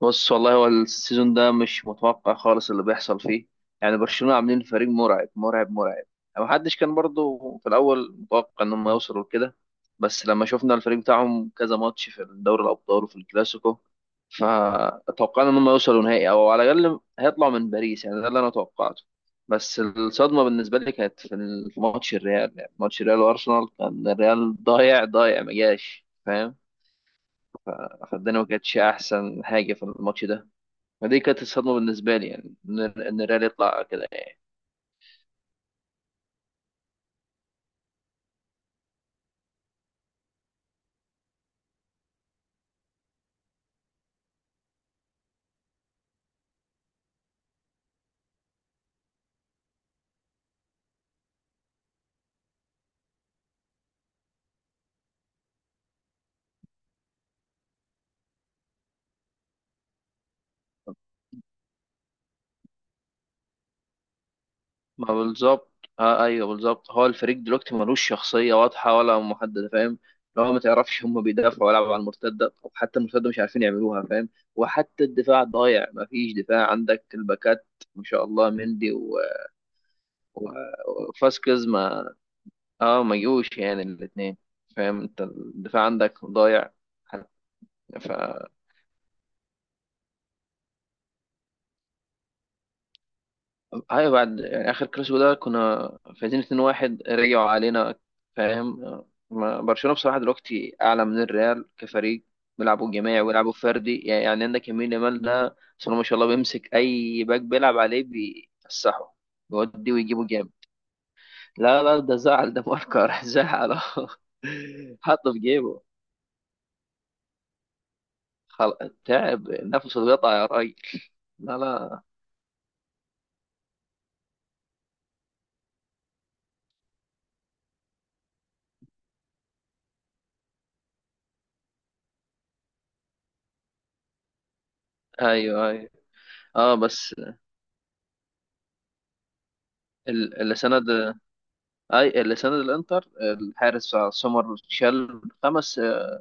بص والله هو السيزون ده مش متوقع خالص اللي بيحصل فيه. يعني برشلونة عاملين فريق مرعب مرعب مرعب. يعني ما حدش كان برضه في الأول متوقع إنهم يوصلوا لكده. بس لما شفنا الفريق بتاعهم كذا ماتش في دوري الأبطال وفي الكلاسيكو فتوقعنا إنهم يوصلوا نهائي أو على الأقل هيطلعوا من باريس، يعني ده اللي أنا توقعته. بس الصدمة بالنسبة لي كانت في ماتش الريال، يعني ماتش الريال وأرسنال كان الريال ضايع ضايع ما جاش، فاهم؟ فالدنيا ما كانتش أحسن حاجة في الماتش ده. فدي كانت الصدمة بالنسبة لي، يعني إن الريال يطلع كده يعني. ما بالظبط. آه أيوه بالظبط، هو الفريق دلوقتي ملوش شخصية واضحة ولا محددة، فاهم؟ لو ما تعرفش هم بيدافعوا ولا على المرتدة، أو حتى المرتدة مش عارفين يعملوها، فاهم؟ وحتى الدفاع ضايع، ما فيش دفاع، عندك الباكات ما شاء الله مندي و... وفاسكيز ما ما جوش يعني الاتنين. فاهم أنت الدفاع عندك ضايع. ف ايوه بعد يعني اخر كلاسيكو ده كنا فايزين 2-1، رجعوا علينا، فاهم؟ برشلونة بصراحة دلوقتي اعلى من الريال كفريق، بيلعبوا جماعي ويلعبوا فردي، يعني عندك يمين يامال ده بسم الله ما شاء الله، بيمسك اي باك بيلعب عليه بيفسحه بيوديه ويجيبه جامد. لا لا ده زعل، ده ماركر زعل أهو. حطه في جيبه. خل... تعب نفسه اتقطع يا راجل. لا لا. ايوه ايوه. اه بس السنة ده اي اللي سند الانتر الحارس سومر شال خمس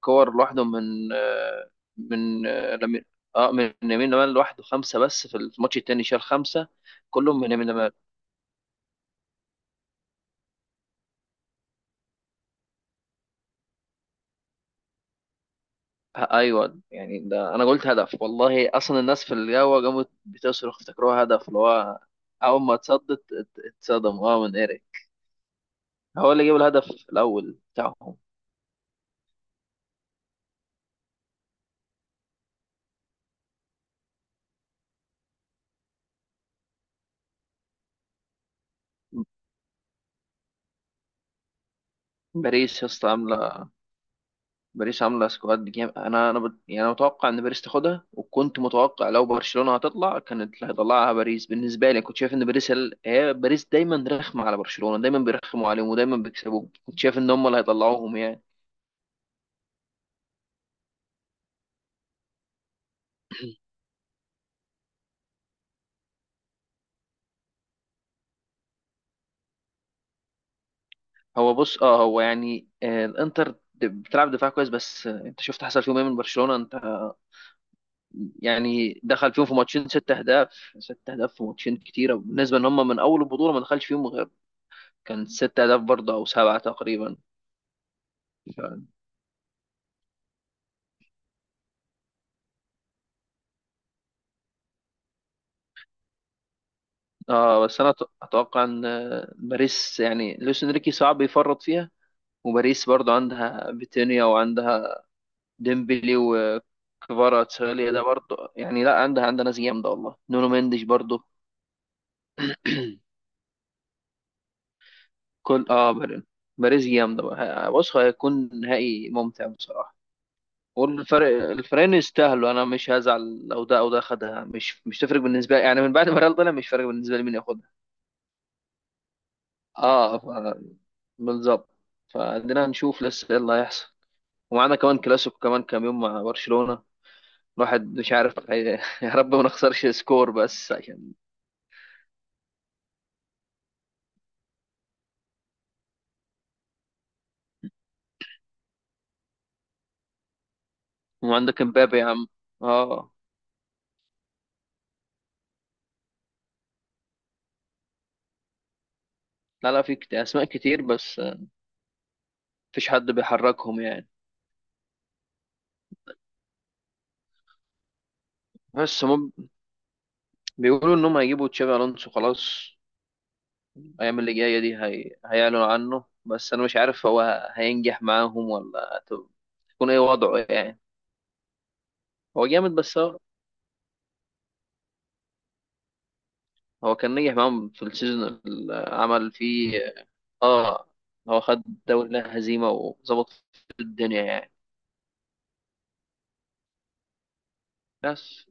كور لوحده من من يمين لمال لوحده خمسه، بس في الماتش التاني شال خمسه. كلهم من يمين لمال. ايوه يعني ده انا قلت هدف، والله اصلا الناس في القهوه قامت بتصرخ افتكروها هدف، اللي هو اول ما اتصدت اتصدموا، من ايريك. هو اللي جاب الهدف الاول بتاعهم. باريس يا اسطى عامله، باريس عامله سكواد جامد، يعني انا متوقع ان باريس تاخدها، وكنت متوقع لو برشلونه هتطلع كانت اللي هيطلعها باريس، بالنسبه لي كنت شايف ان هي باريس دايما رخمه على برشلونه، دايما بيرخموا عليهم ودايما بيكسبوهم، كنت شايف ان هم اللي هيطلعوهم يعني. هو بص، اه هو يعني الانتر بتلعب دفاع كويس، بس انت شفت حصل فيهم ايه من برشلونه، انت يعني دخل فيهم في ماتشين ست اهداف، ست اهداف في ماتشين كتيره، بالنسبه ان هم من اول البطوله ما دخلش فيهم غير، كان ست اهداف برضه او سبعه تقريبا. اه بس انا اتوقع ان باريس، يعني لويس انريكي صعب يفرط فيها، وباريس برضو عندها فيتينيا وعندها ديمبلي وكفاراتسخيليا ده برضو، يعني لا عندها ناس جامده، والله نونو مندش برضو. كل اه باريس جامده بقى. بص هيكون نهائي ممتع بصراحه. والفرق الفريقين يستاهلوا، انا مش هزعل لو ده او ده خدها، مش تفرق بالنسبه لي، يعني من بعد ما ريال طلع مش فارق بالنسبه لي مين ياخدها. اه بالظبط. فعندنا نشوف لسه ايه اللي هيحصل، ومعانا كمان كلاسيكو كمان كام يوم مع برشلونة. الواحد مش عارف يا رب ما نخسرش سكور بس عشان. وعندك امبابي يا عم. اه لا لا في اسماء كتير، بس مفيش حد بيحركهم يعني. بس هم بيقولوا انهم هيجيبوا تشابي الونسو خلاص، الايام اللي جايه دي هيعلنوا عنه، بس انا مش عارف هو هينجح معاهم ولا هيكون ايه وضعه يعني. هو جامد بس هو كان نجح معاهم في السيزون اللي عمل فيه. اه، هو خد دوري هزيمة وظبط الدنيا يعني. بس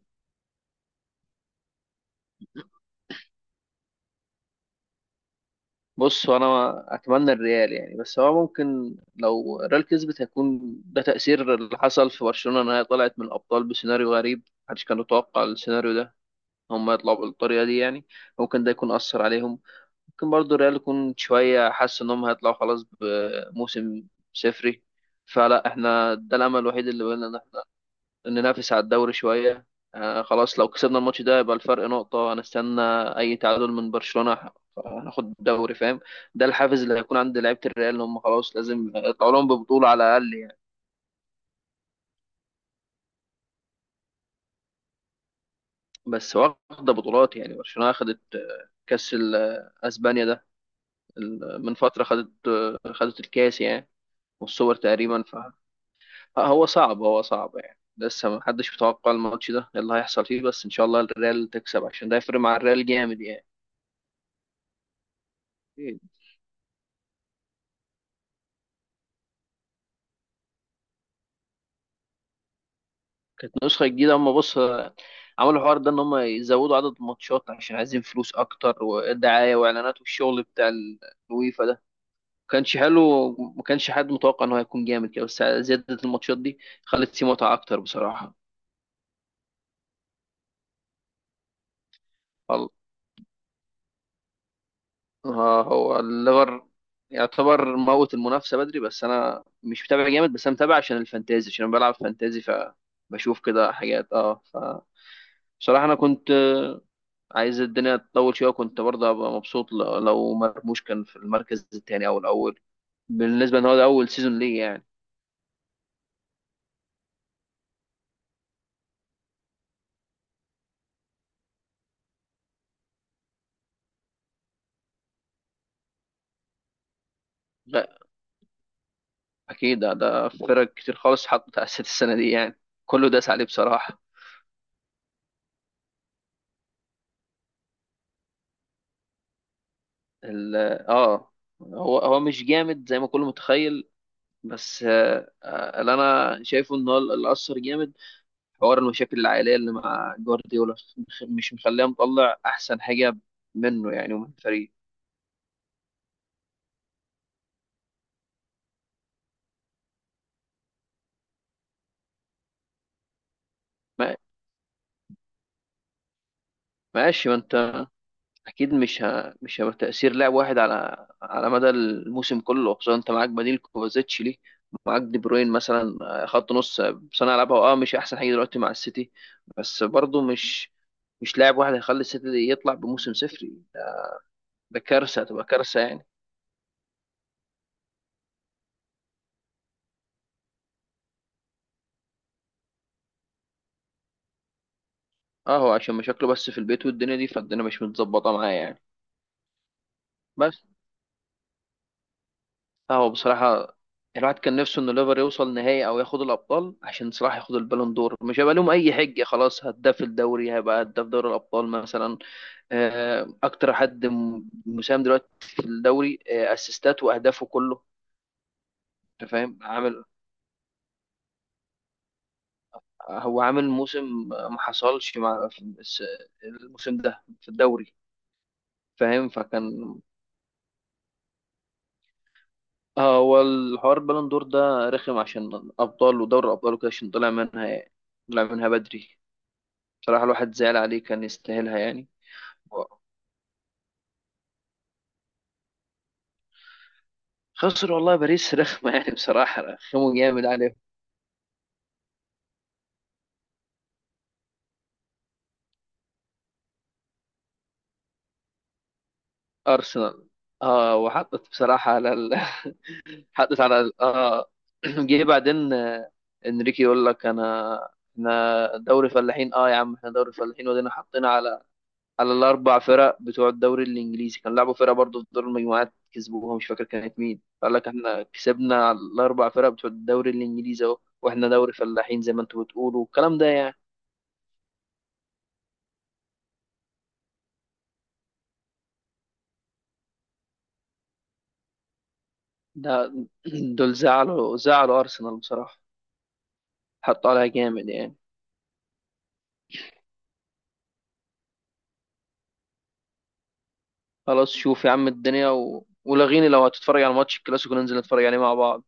بص، هو انا اتمنى الريال يعني، بس هو ممكن لو الريال كسبت هيكون ده تأثير اللي حصل في برشلونة، ان هي طلعت من الابطال بسيناريو غريب، محدش كان يتوقع السيناريو ده، هم يطلعوا بالطريقة دي يعني. ممكن ده يكون أثر عليهم. ممكن برضو الريال يكون شوية حس انهم هيطلعوا خلاص بموسم صفري. فلا احنا ده الامل الوحيد اللي بقولنا ننافس على الدوري شوية. خلاص لو كسبنا الماتش ده يبقى الفرق نقطة، هنستنى أي تعادل من برشلونة هناخد الدوري، فاهم؟ ده الحافز اللي هيكون عند لعيبة الريال، إن هم خلاص لازم يطلعوا لهم ببطولة على الأقل يعني. بس واخدة بطولات، يعني برشلونة أخدت كأس أسبانيا ده، من فترة خدت خدت الكاس يعني، والسوبر تقريبا. فهو صعب، هو صعب يعني، لسه محدش متوقع الماتش ده إيه اللي هيحصل فيه، بس إن شاء الله الريال تكسب عشان ده يفرق مع الريال جامد يعني. كانت نسخة جديدة، هم بص عملوا الحوار ده ان هم يزودوا عدد الماتشات عشان عايزين فلوس اكتر ودعاية واعلانات، والشغل بتاع الويفا ده ما كانش حلو. ما كانش حد متوقع ان هو هيكون جامد كده، بس زيادة الماتشات دي خلت فيه متعة اكتر بصراحة. الله، هو الليفر يعتبر موت المنافسة بدري، بس انا مش متابع جامد، بس انا متابع عشان الفانتازي، عشان انا بلعب فانتازي فبشوف كده حاجات، اه ف بصراحة انا كنت عايز الدنيا تطول شويه، كنت برضه هبقى مبسوط لو مرموش كان في المركز الثاني او الاول، بالنسبه ان هو ده اول سيزون ليه يعني. لا اكيد ده فرق كتير خالص حطت على الست السنه دي يعني، كله داس عليه بصراحه. ال- اه هو مش جامد زي ما كله متخيل، بس اللي انا شايفه ان هو اللي اثر جامد، حوار المشاكل العائليه اللي مع جوارديولا مش مخليه مطلع احسن حاجه منه يعني ومن الفريق. ما- ماشي، ما انت اكيد مش مش هيبقى تاثير لاعب واحد على مدى الموسم كله، خصوصا انت معاك بديل كوفازيتش ليه، معاك دي بروين مثلا، خط نص، صانع لعبها، اه مش احسن حاجه دلوقتي مع السيتي. بس برضه مش لاعب واحد هيخلي السيتي دي يطلع بموسم صفري، ده كارثه، هتبقى كارثه يعني. اه هو عشان مشاكله بس في البيت والدنيا دي، فالدنيا مش متظبطه معاه يعني. بس لا هو بصراحة الواحد كان نفسه إن ليفر يوصل نهائي أو ياخد الأبطال، عشان صراحة ياخد البالون دور مش هيبقى لهم أي حجة، خلاص هداف الدوري هيبقى هداف دوري الأبطال مثلا، أكتر حد مساهم دلوقتي في الدوري، أسيستات وأهدافه كله. أنت فاهم عامل، هو عامل موسم ما حصلش مع في الموسم ده في الدوري، فاهم؟ فكان هو الحوار البالون دور ده رخم، عشان أبطال ودوري الأبطال وكده، عشان طلع منها طلع منها بدري. بصراحة الواحد زعل عليه كان يستاهلها يعني. خسر والله باريس رخمة، يعني بصراحة رخموا جامد عليه. أرسنال اه، وحطت بصراحة على حطت على ال... اه جه بعدين انريكي يقول لك انا احنا دوري فلاحين، اه يا عم احنا دوري فلاحين، ودينا حطينا على الاربع فرق بتوع الدوري الانجليزي، كان لعبوا فرقة برضه في دور المجموعات كسبوها مش فاكر كانت مين، قال لك احنا كسبنا على الاربع فرق بتوع الدوري الانجليزي اهو، واحنا دوري فلاحين زي ما انتوا بتقولوا والكلام ده يعني. ده دول زعلوا أرسنال بصراحة، حطوا عليها جامد يعني. خلاص شوف يا عم الدنيا ولغيني لو هتتفرج على ماتش الكلاسيكو ننزل نتفرج عليه مع بعض.